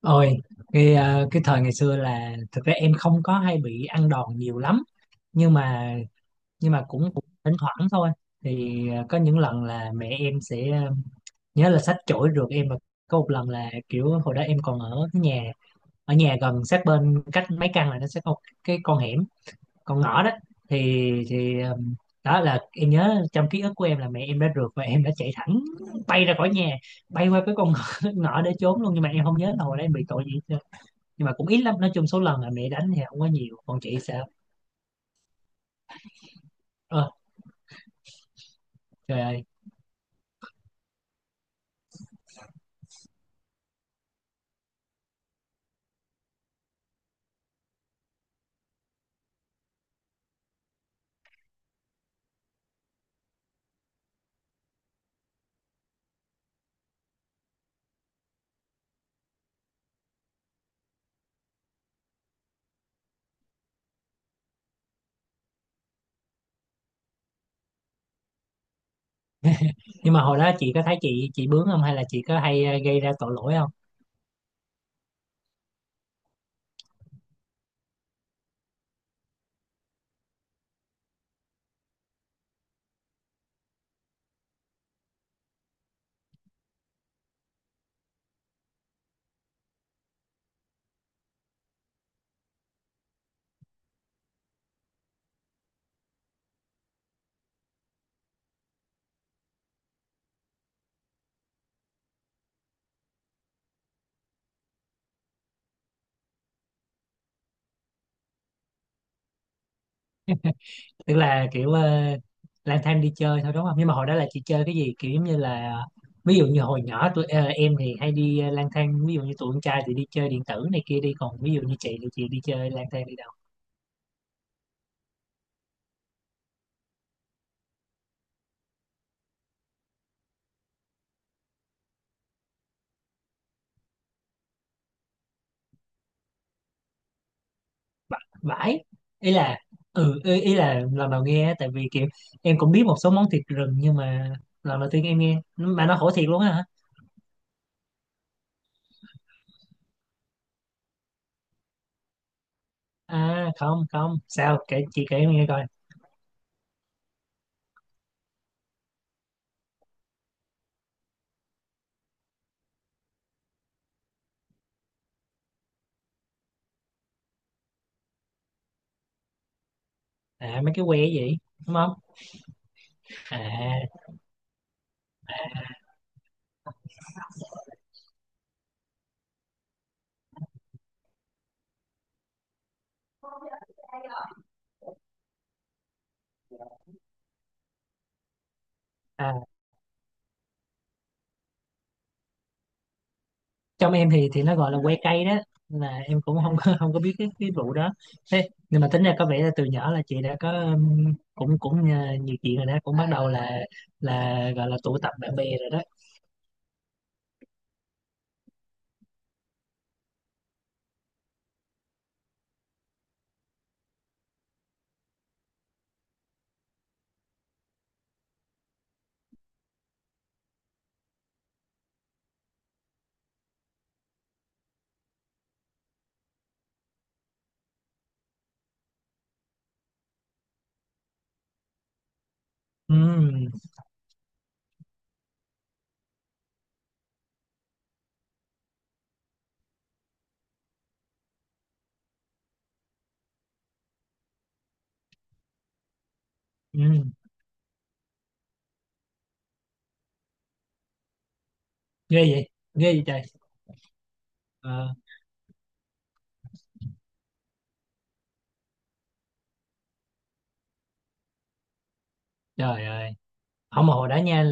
Ôi, cái thời ngày xưa là thực ra em không có hay bị ăn đòn nhiều lắm nhưng mà nhưng mà cũng cũng thỉnh thoảng thôi. Có những lần là mẹ em sẽ, nhớ là xách chổi rượt em. Và có một lần là kiểu hồi đó em còn ở cái nhà, ở nhà gần sát bên cách mấy căn, là nó sẽ có một cái con hẻm, con ngõ đó. Thì thì Đó là em nhớ, trong ký ức của em là mẹ em đã rượt và em đã chạy thẳng bay ra khỏi nhà, bay qua cái con ngõ, ngõ để trốn luôn, nhưng mà em không nhớ là hồi đó em bị tội gì. Nhưng mà cũng ít lắm, nói chung số lần là mẹ đánh thì không có nhiều, còn chị sẽ ơ trời ơi. Nhưng mà hồi đó chị có thấy chị bướng không, hay là chị có hay, gây ra tội lỗi không? Tức là kiểu, lang thang đi chơi thôi đúng không, nhưng mà hồi đó là chị chơi cái gì, kiểu giống như là ví dụ như hồi nhỏ tụi em thì hay đi, lang thang, ví dụ như tụi con trai thì đi chơi điện tử này kia đi, còn ví dụ như chị thì chị đi chơi lang thang đi đâu, bãi ý là ừ ý là lần đầu nghe á, tại vì kiểu em cũng biết một số món thịt rừng, nhưng mà lần đầu tiên em nghe mà nó khổ thiệt luôn á hả. À không không, sao kể, chị kể em nghe coi. À mấy cái que gì đúng không. À, à trong em thì nó gọi là que cây đó, là em cũng không có biết cái vụ đó. Thế nhưng mà tính ra có vẻ là từ nhỏ là chị đã có, cũng cũng nhiều chuyện rồi đó, cũng bắt đầu là gọi là tụ tập bạn bè rồi đó. Ừ ừ, ghê vậy, ghê vậy trời. Ờ, trời ơi. Không mà hồi đó nha,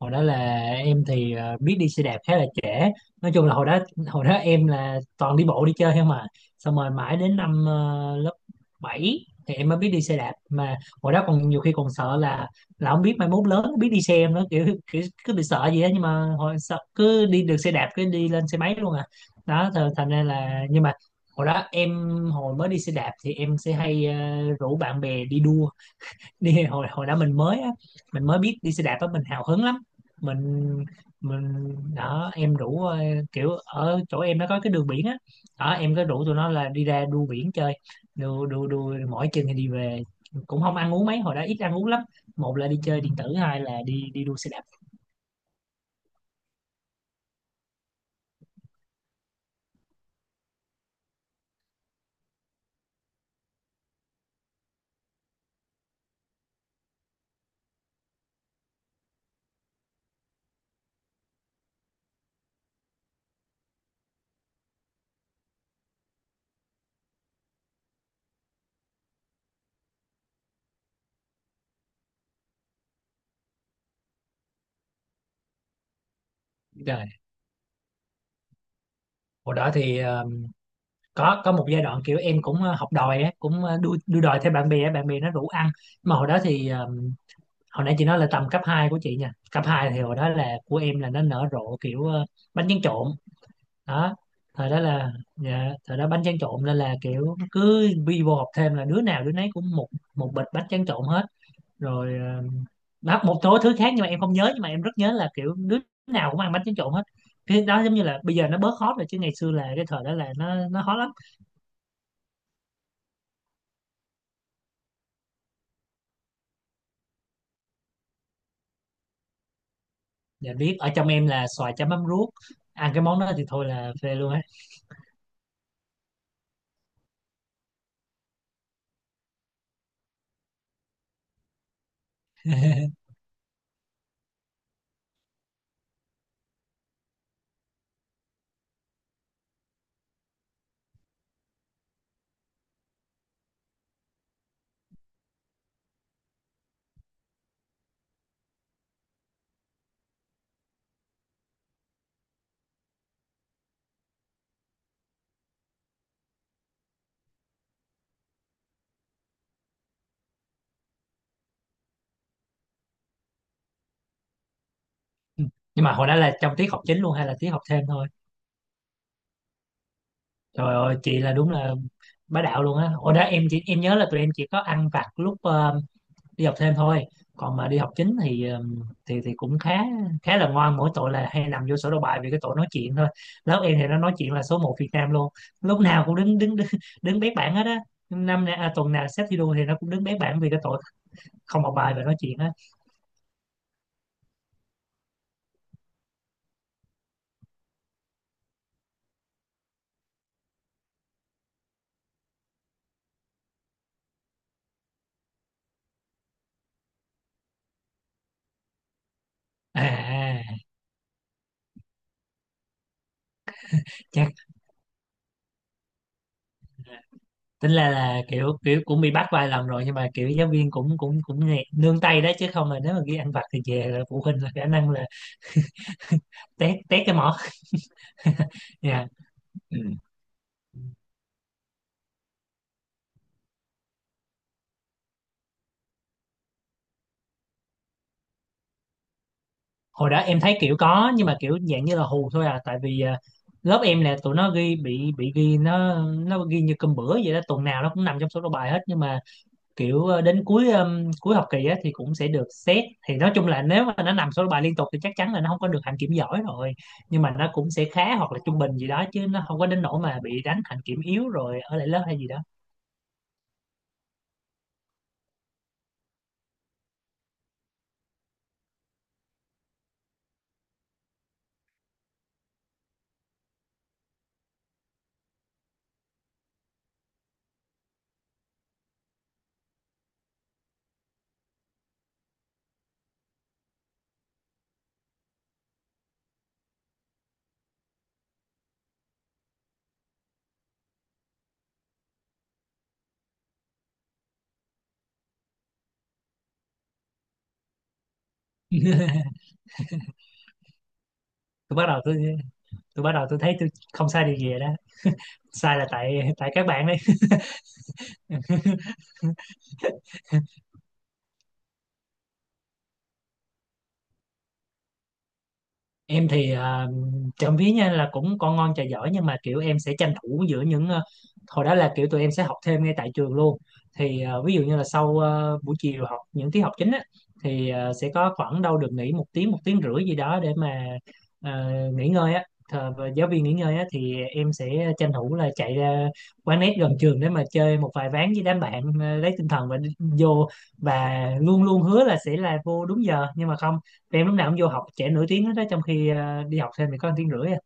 hồi đó là em thì, biết đi xe đạp khá là trễ. Nói chung là hồi đó, hồi đó em là toàn đi bộ đi chơi không mà, xong rồi mãi đến năm, lớp 7 thì em mới biết đi xe đạp. Mà hồi đó còn nhiều khi còn sợ là không biết mai mốt lớn biết đi xe em nữa, kiểu, kiểu cứ bị sợ gì á. Nhưng mà hồi sợ cứ đi được xe đạp cứ đi lên xe máy luôn à. Đó thành ra là, nhưng mà hồi đó em hồi mới đi xe đạp thì em sẽ hay, rủ bạn bè đi đua đi. Hồi hồi đó mình mới á, mình mới biết đi xe đạp á, mình hào hứng lắm. Mình mình đó, em rủ, kiểu ở chỗ em nó có cái đường biển á, đó em có rủ tụi nó là đi ra đu biển chơi, đu đu đu mỗi chừng thì đi về. Cũng không ăn uống mấy, hồi đó ít ăn uống lắm. Một là đi chơi điện tử, hai là đi đi đua xe đạp. Rồi, hồi đó thì, có một giai đoạn kiểu em cũng, học đòi á, cũng, đua đua đòi theo bạn bè á, bạn bè nó rủ ăn. Mà hồi đó thì, hồi nãy chị nói là tầm cấp 2 của chị nha, cấp 2 thì hồi đó là của em là nó nở rộ kiểu, bánh tráng trộn đó. Thời đó là dạ, thời đó bánh tráng trộn, nên là kiểu nó cứ vi vô học thêm là đứa nào đứa nấy cũng một một bịch bánh tráng trộn hết. Rồi, đó, một số thứ khác nhưng mà em không nhớ, nhưng mà em rất nhớ là kiểu đứa nào cũng ăn bánh tráng trộn hết. Cái đó giống như là bây giờ nó bớt hot rồi, chứ ngày xưa là cái thời đó là nó hot lắm. Dạ biết, ở trong em là xoài chấm mắm ruốc, ăn cái món đó thì thôi là phê luôn á. Nhưng mà hồi đó là trong tiết học chính luôn hay là tiết học thêm thôi? Trời ơi chị là đúng là bá đạo luôn á. Hồi đó em chỉ, em nhớ là tụi em chỉ có ăn vặt lúc, đi học thêm thôi, còn mà đi học chính thì, thì cũng khá, khá là ngoan, mỗi tội là hay nằm vô sổ đầu bài vì cái tội nói chuyện thôi. Lớp em thì nó nói chuyện là số một Việt Nam luôn, lúc nào cũng đứng bét bảng hết á. Năm nay à, tuần nào xếp thi đua thì nó cũng đứng bét bảng vì cái tội không học bài và nói chuyện á. À, tính là kiểu kiểu cũng bị bắt vài lần rồi, nhưng mà kiểu giáo viên cũng cũng cũng nương tay đó, chứ không là nếu mà ghi ăn vặt thì về là phụ huynh là khả năng là tét tét cái mỏ. Dạ. Ừ. Hồi đó em thấy kiểu có, nhưng mà kiểu dạng như là hù thôi à, tại vì à, lớp em là tụi nó ghi bị ghi nó ghi như cơm bữa vậy đó, tuần nào nó cũng nằm trong số đầu bài hết. Nhưng mà kiểu ờ, đến cuối, cuối học kỳ á, thì cũng sẽ được xét, thì nói chung là nếu mà nó nằm số bài liên tục thì chắc chắn là nó không có được hạnh kiểm giỏi rồi. Nhưng mà nó cũng sẽ khá hoặc là trung bình gì đó, chứ nó không có đến nỗi mà bị đánh hạnh kiểm yếu rồi ở lại lớp hay gì đó. Tôi tôi bắt đầu tôi thấy tôi không sai điều gì rồi đó, sai là tại tại các bạn đấy. Em thì à, trộm vía nha là cũng con ngon trò giỏi, nhưng mà kiểu em sẽ tranh thủ giữa những, hồi đó là kiểu tụi em sẽ học thêm ngay tại trường luôn. Thì ờ, ví dụ như là sau, buổi chiều học những tiết học chính á, thì ờ, sẽ có khoảng đâu được nghỉ một tiếng, một tiếng rưỡi gì đó để mà, ờ, nghỉ ngơi á. Và giáo viên nghỉ ngơi á, thì em sẽ tranh thủ là chạy ra quán net gần trường để mà chơi một vài ván với đám bạn, lấy tinh thần và vô. Và luôn luôn hứa là sẽ là vô đúng giờ, nhưng mà không, em lúc nào cũng vô học trễ nửa tiếng hết đó, trong khi đi học thêm thì có một tiếng rưỡi à.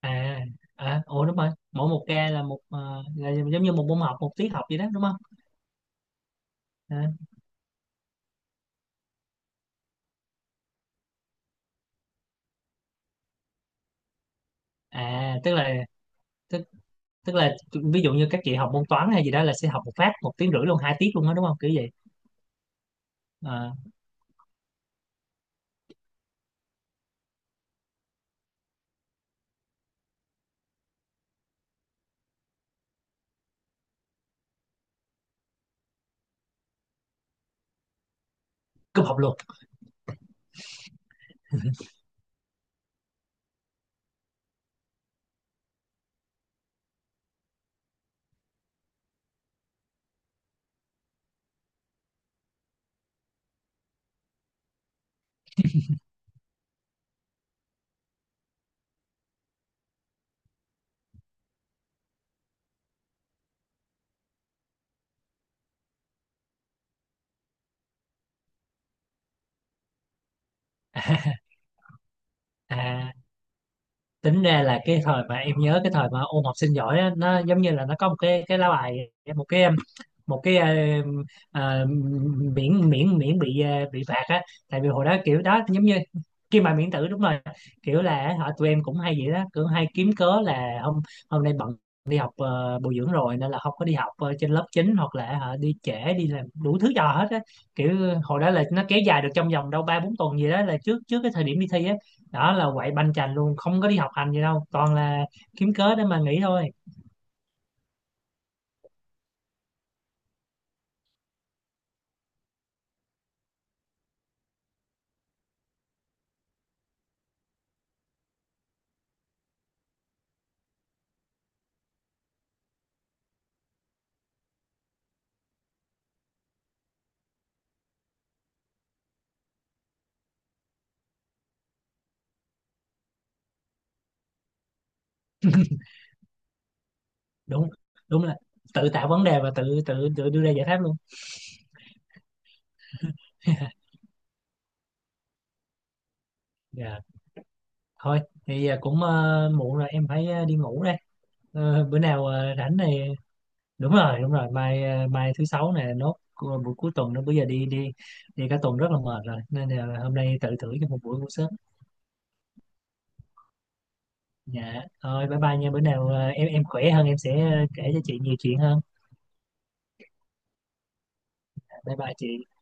À, à ủa đúng rồi, mỗi một ca là một, là giống như một môn học, một tiết học vậy đó đúng không. À, à tức, tức là ví dụ như các chị học môn toán hay gì đó là sẽ học một phát một tiếng rưỡi luôn, hai tiết luôn đó đúng không, kiểu vậy. À, cúp học luôn. À tính ra là cái thời mà em nhớ, cái thời mà ôn học sinh giỏi á, nó giống như là nó có một cái lá bài, một cái một cái ờ, ờ, miễn miễn miễn bị, bị phạt á. Tại vì hồi đó kiểu đó giống như khi mà miễn tử đúng rồi, kiểu là họ tụi em cũng hay vậy đó, cứ hay kiếm cớ là hôm hôm nay bận đi học, bồi dưỡng rồi, nên là không có đi học, trên lớp chính, hoặc là họ đi trễ, đi làm đủ thứ trò hết á, kiểu hồi đó là nó kéo dài được trong vòng đâu ba bốn tuần gì đó là trước trước cái thời điểm đi thi á, đó là quậy banh chành luôn, không có đi học hành gì đâu, toàn là kiếm cớ để mà nghỉ thôi. Đúng, đúng là tự tạo vấn đề và tự tự tự đưa ra giải pháp luôn. Dạ thôi thì à, cũng, muộn rồi, em phải, đi ngủ đây. Ờ, bữa nào ờ, rảnh này. Đúng rồi mai, mai thứ sáu này nốt, buổi cuối tuần nữa, bây giờ đi đi đi cả tuần rất là mệt rồi, nên là hôm nay tự thử cho một buổi ngủ sớm. Dạ thôi, bye bye nha, bữa nào, em khỏe hơn em sẽ, kể cho chị nhiều chuyện hơn. Dạ, bye bye chị.